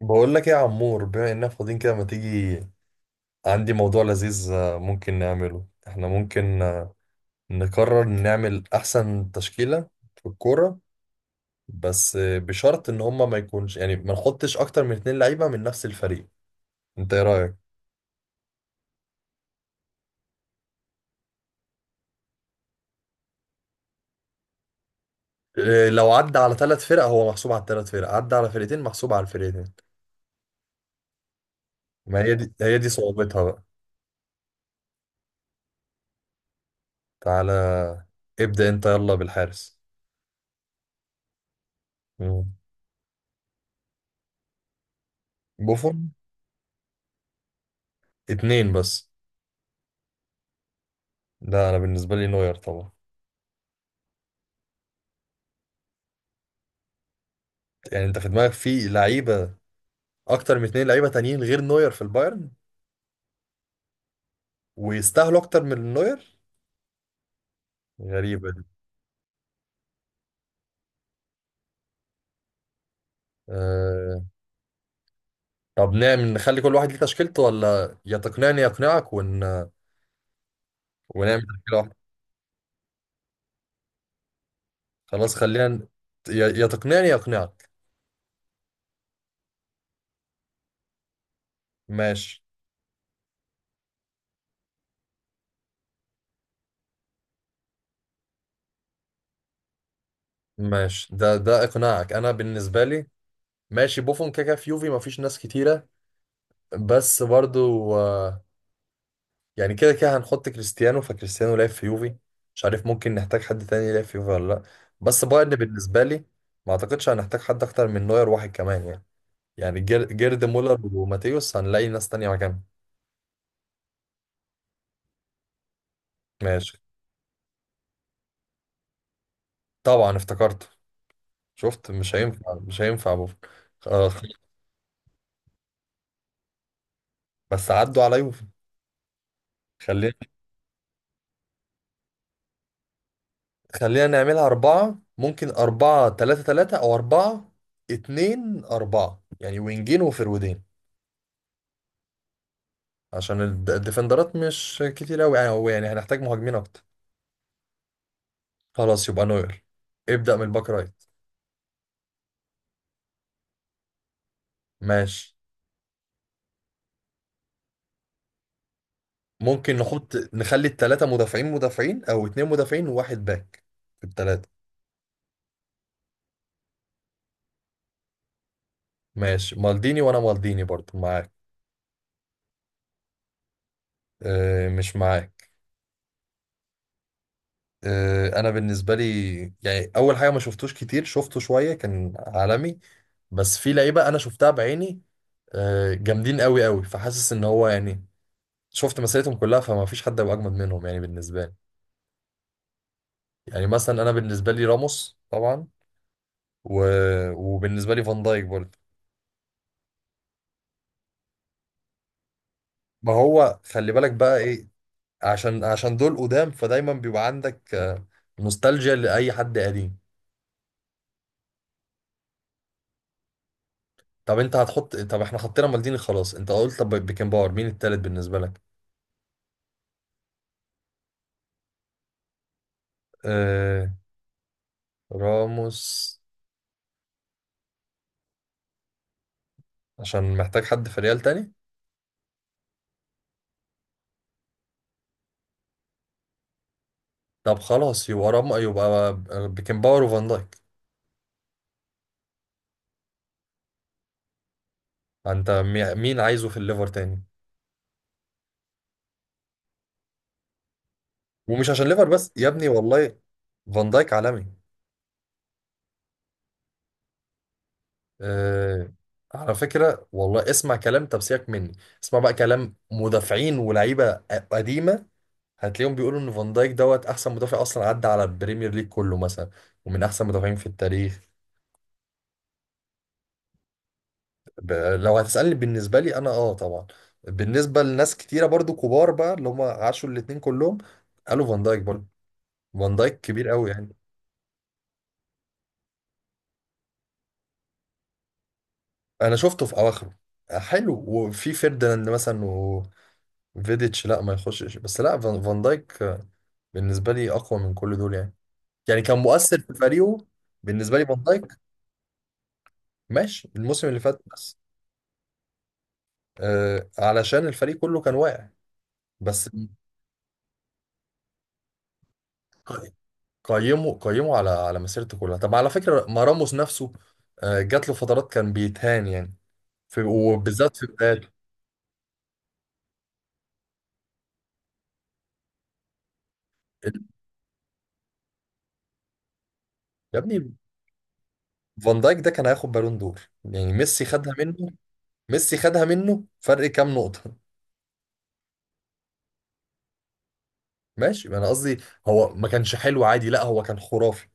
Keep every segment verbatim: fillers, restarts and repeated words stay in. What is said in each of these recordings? بقول لك ايه يا عمور؟ بما اننا فاضيين كده، ما تيجي عندي موضوع لذيذ؟ آه، ممكن نعمله احنا، ممكن آه، نقرر نعمل احسن تشكيلة في الكورة. بس آه، بشرط ان هما ما يكونش، يعني ما نحطش اكتر من اتنين لعيبة من نفس الفريق. انت ايه رأيك؟ آه، لو عدى على ثلاث فرق هو محسوب على الثلاث فرق، عدى على فرقتين محسوب على الفرقتين. ما هي دي هي دي صعوبتها بقى. تعالى، ابدأ انت يلا بالحارس. مم. بوفون. اتنين بس. لا، انا بالنسبة لي نوير طبعا. يعني انت في دماغك في لعيبه اكتر من اتنين لعيبه تانيين غير نوير في البايرن؟ ويستاهلوا اكتر من نوير؟ غريبه دي. أه... طب نعمل، نخلي كل واحد ليه تشكيلته، ولا يا تقنعني يا اقنعك ون... ونعمل تشكيله واحده؟ خلاص خلينا ن- يا يا تقنعني يا اقنعك. ماشي، ماشي. ده ده اقناعك. انا بالنسبه لي ماشي بوفون، كاكا. في يوفي مفيش ناس كتيره. بس برضو آه، يعني كده كده هنحط كريستيانو، فكريستيانو لعب في يوفي. مش عارف، ممكن نحتاج حد تاني يلعب في يوفي ولا لا. بس بايرن بالنسبة لي ما اعتقدش هنحتاج حد اكتر من نوير، واحد كمان يعني. يعني جير- جيرد مولر وماتيوس، هنلاقي ناس تانية مكانهم. ماشي. طبعا افتكرت. شفت مش هينفع، مش هينفع بوفون. آه. بس عدوا على يوفي. خلينا. خلينا نعملها أربعة، ممكن أربعة تلاتة تلاتة أو أربعة اتنين أربعة، يعني وينجين وفرودين. عشان الد- الديفندرات مش كتير قوي، يعني هو يعني هنحتاج مهاجمين اكتر. خلاص يبقى نوير. ابدأ من الباك رايت. ماشي، ممكن نحط، نخلي التلاتة مدافعين مدافعين او اتنين مدافعين وواحد باك في التلاتة. ماشي، مالديني. وانا مالديني برضو معاك. اه، مش معاك. اه، انا بالنسبة لي، يعني اول حاجة، ما شفتوش كتير، شفته شوية، كان عالمي. بس في لعيبة انا شفتها بعيني، اه، جامدين قوي قوي، فحاسس ان هو يعني شفت مسيرتهم كلها، فما فيش حد هيبقى اجمد منهم يعني بالنسبة لي. يعني مثلا انا بالنسبه لي راموس طبعا، و... وبالنسبه لي فان دايك برضه. ما هو خلي بالك بقى ايه. عشان عشان دول قدام، فدايما بيبقى عندك آه، نوستالجيا لاي حد قديم. طب انت هتحط، طب احنا حطينا مالديني خلاص، انت قلت طب بيكن باور، مين التالت بالنسبه لك؟ آه... راموس. عشان محتاج حد في ريال تاني. طب خلاص، يبقى رام يبقى بيكن باور وفان دايك. انت مي- مين عايزه في الليفر تاني؟ ومش عشان ليفر بس يا ابني، والله فان دايك عالمي. آه، على فكرة والله، اسمع كلام. طب سيبك مني، اسمع بقى كلام مدافعين ولاعيبة قديمة، هتلاقيهم بيقولوا ان فان دايك دوت احسن مدافع اصلا عدى على البريمير ليج كله مثلا، ومن احسن مدافعين في التاريخ. ب... لو هتسألني بالنسبة لي انا، اه، طبعا. بالنسبة لناس كتيرة برضو كبار بقى اللي هم عاشوا الاتنين كلهم قالوا فان دايك برضو. فان دايك كبير قوي يعني. انا شفته في اواخره حلو. وفي فيرديناند مثلا، وفيديتش. لا، ما يخشش. بس لا، فان فان دايك بالنسبة لي أقوى من كل دول يعني. يعني كان مؤثر في فريقه بالنسبة لي فان دايك. ماشي الموسم اللي فات بس. آه علشان الفريق كله كان واقع بس. ق- قيمه قيمه على على مسيرته كلها. طب على فكرة، ما راموس نفسه، آه جات له فترات كان بيتهان يعني، في وبالذات في بدايته. ال- يا ابني، فان دايك ده كان هياخد بالون دور يعني، ميسي خدها منه. ميسي خدها منه فرق كام نقطة. ماشي انا قصدي، هو ما كانش حلو عادي، لا هو كان خرافي.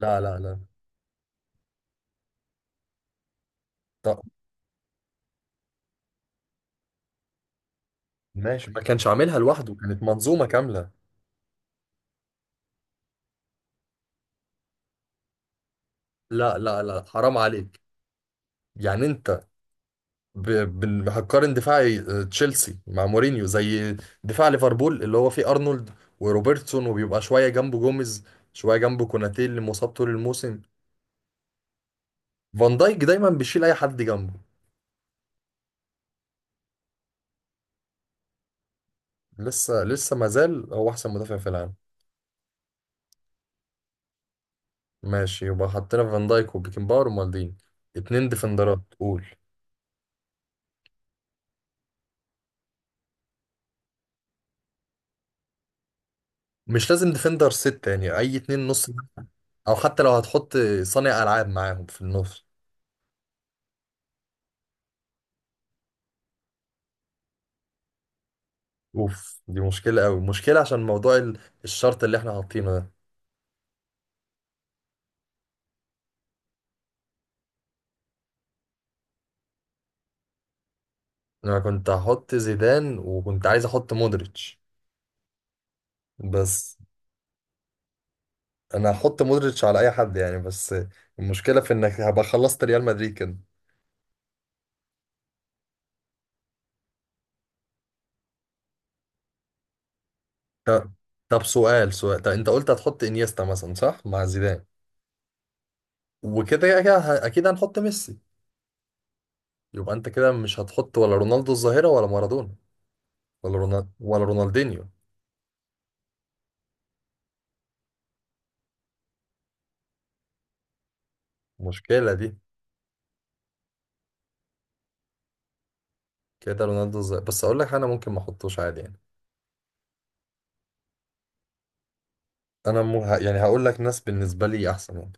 لا لا لا. ماشي، ما كانش عاملها لوحده، كانت منظومة كاملة. لا لا لا، حرام عليك. يعني انت ب... ب... هتقارن دفاع آه، تشيلسي مع مورينيو زي دفاع ليفربول اللي هو فيه ارنولد وروبرتسون، وبيبقى شوية جنبه جوميز، شوية جنبه كوناتيل اللي مصاب طول الموسم. فان دايك دايما بيشيل اي حد جنبه. لسه لسه، ما زال هو احسن مدافع في العالم. ماشي يبقى حطينا فان دايك وبيكن باور ومالدين. اتنين ديفندرات قول. مش لازم ديفندر ست، يعني اي اتنين نص. او حتى لو هتحط صانع العاب معاهم في النص. اوف، دي مشكله قوي، مشكله عشان موضوع ال- الشرط اللي احنا حاطينه ده. انا كنت هحط زيدان، وكنت عايز احط مودريتش بس. انا هحط مودريتش على اي حد يعني بس، المشكله في انك هبقى خلصت ريال مدريد كده. ط- طب سؤال سؤال. طب انت قلت هتحط انيستا مثلا صح، مع زيدان. وكده كده كده ه- اكيد هنحط ميسي. يبقى انت كده مش هتحط ولا رونالدو الظاهره، ولا مارادونا، ولا رونالدو، ولا رونالدينيو؟ المشكله دي. كده رونالدو الظاهر بس، اقول لك انا ممكن ما احطوش عادي يعني. انا مو ه... يعني هقول لك ناس بالنسبه لي احسن يعني.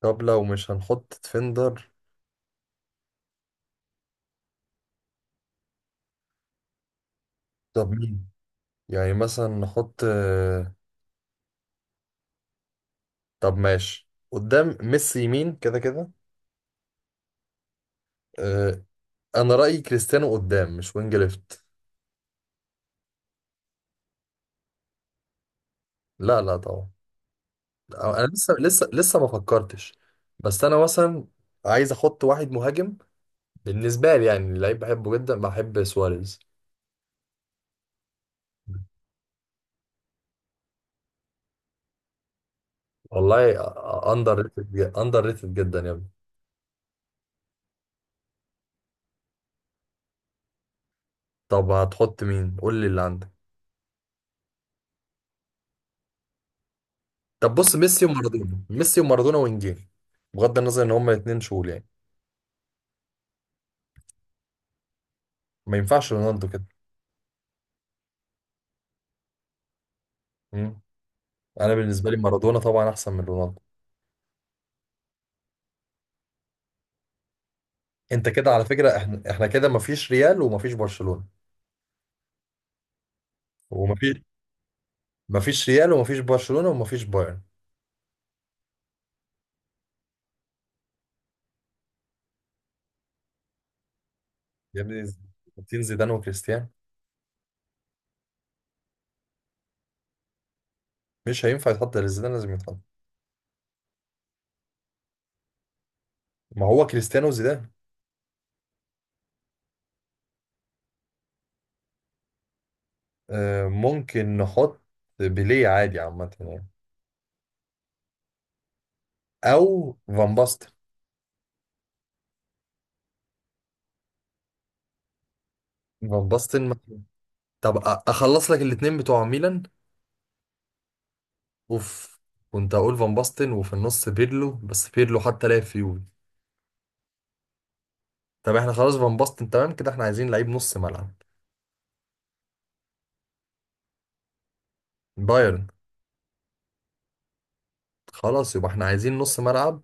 طب لو مش هنحط ديفندر. طب مين؟ يعني مثلا نحط آه، طب ماشي، قدام ميسي يمين كده كده. آه، انا رايي كريستيانو قدام، مش وينج ليفت. لا لا طبعا. انا لسه لسه لسه ما فكرتش. بس انا مثلا عايز احط واحد مهاجم، بالنسبه لي يعني لعيب بحبه جدا، بحب سواريز. والله، اندر ريتد اندر ريتد جدا يا ابني. طب هتحط مين؟ قول لي اللي عندك. طب بص، ميسي ومارادونا، ميسي ومارادونا وانجيل، بغض النظر ان هما الاتنين شغل يعني. ما ينفعش رونالدو كده. مم. انا بالنسبه لي مارادونا طبعا احسن من رونالدو. انت كده على فكره، احنا احنا كده مفيش ريال ومفيش برشلونه ومفيش، مفيش ريال ومفيش برشلونه ومفيش بايرن. يا ابني، حاطين زيدان وكريستيانو. مش هينفع يتحط غير زيدان، لازم يتحط. ما هو كريستيانو وزيدان. آه ممكن نحط بيليه عادي عامه يعني، او فان باستن. فان باستن. طب أ- اخلص لك الاتنين بتوع ميلان. اوف. كنت هقول فان باستن وفي النص بيرلو، بس بيرلو حتى لعب في يوفي. طب احنا خلاص فان باستن تمام كده، احنا عايزين لعيب نص ملعب. بايرن. خلاص يبقى احنا عايزين نص ملعب.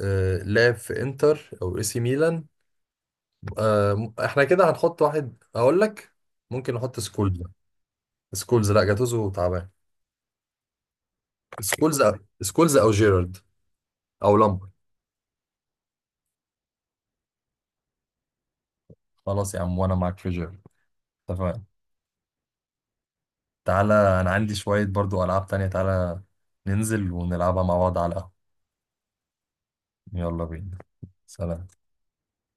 آه لعب في انتر او اي سي ميلان. آه، م- احنا كده هنحط واحد اقول لك. ممكن نحط سكولز. سكولز. لا، جاتوزو تعبان. سكولز أو- سكولز او جيرارد او لامبر. خلاص يا عم، وانا معاك في جيرارد. اتفقنا. تعالى، انا عندي شوية برضو العاب تانية. تعالى ننزل ونلعبها مع بعض على القهوة. يلا بينا. سلام.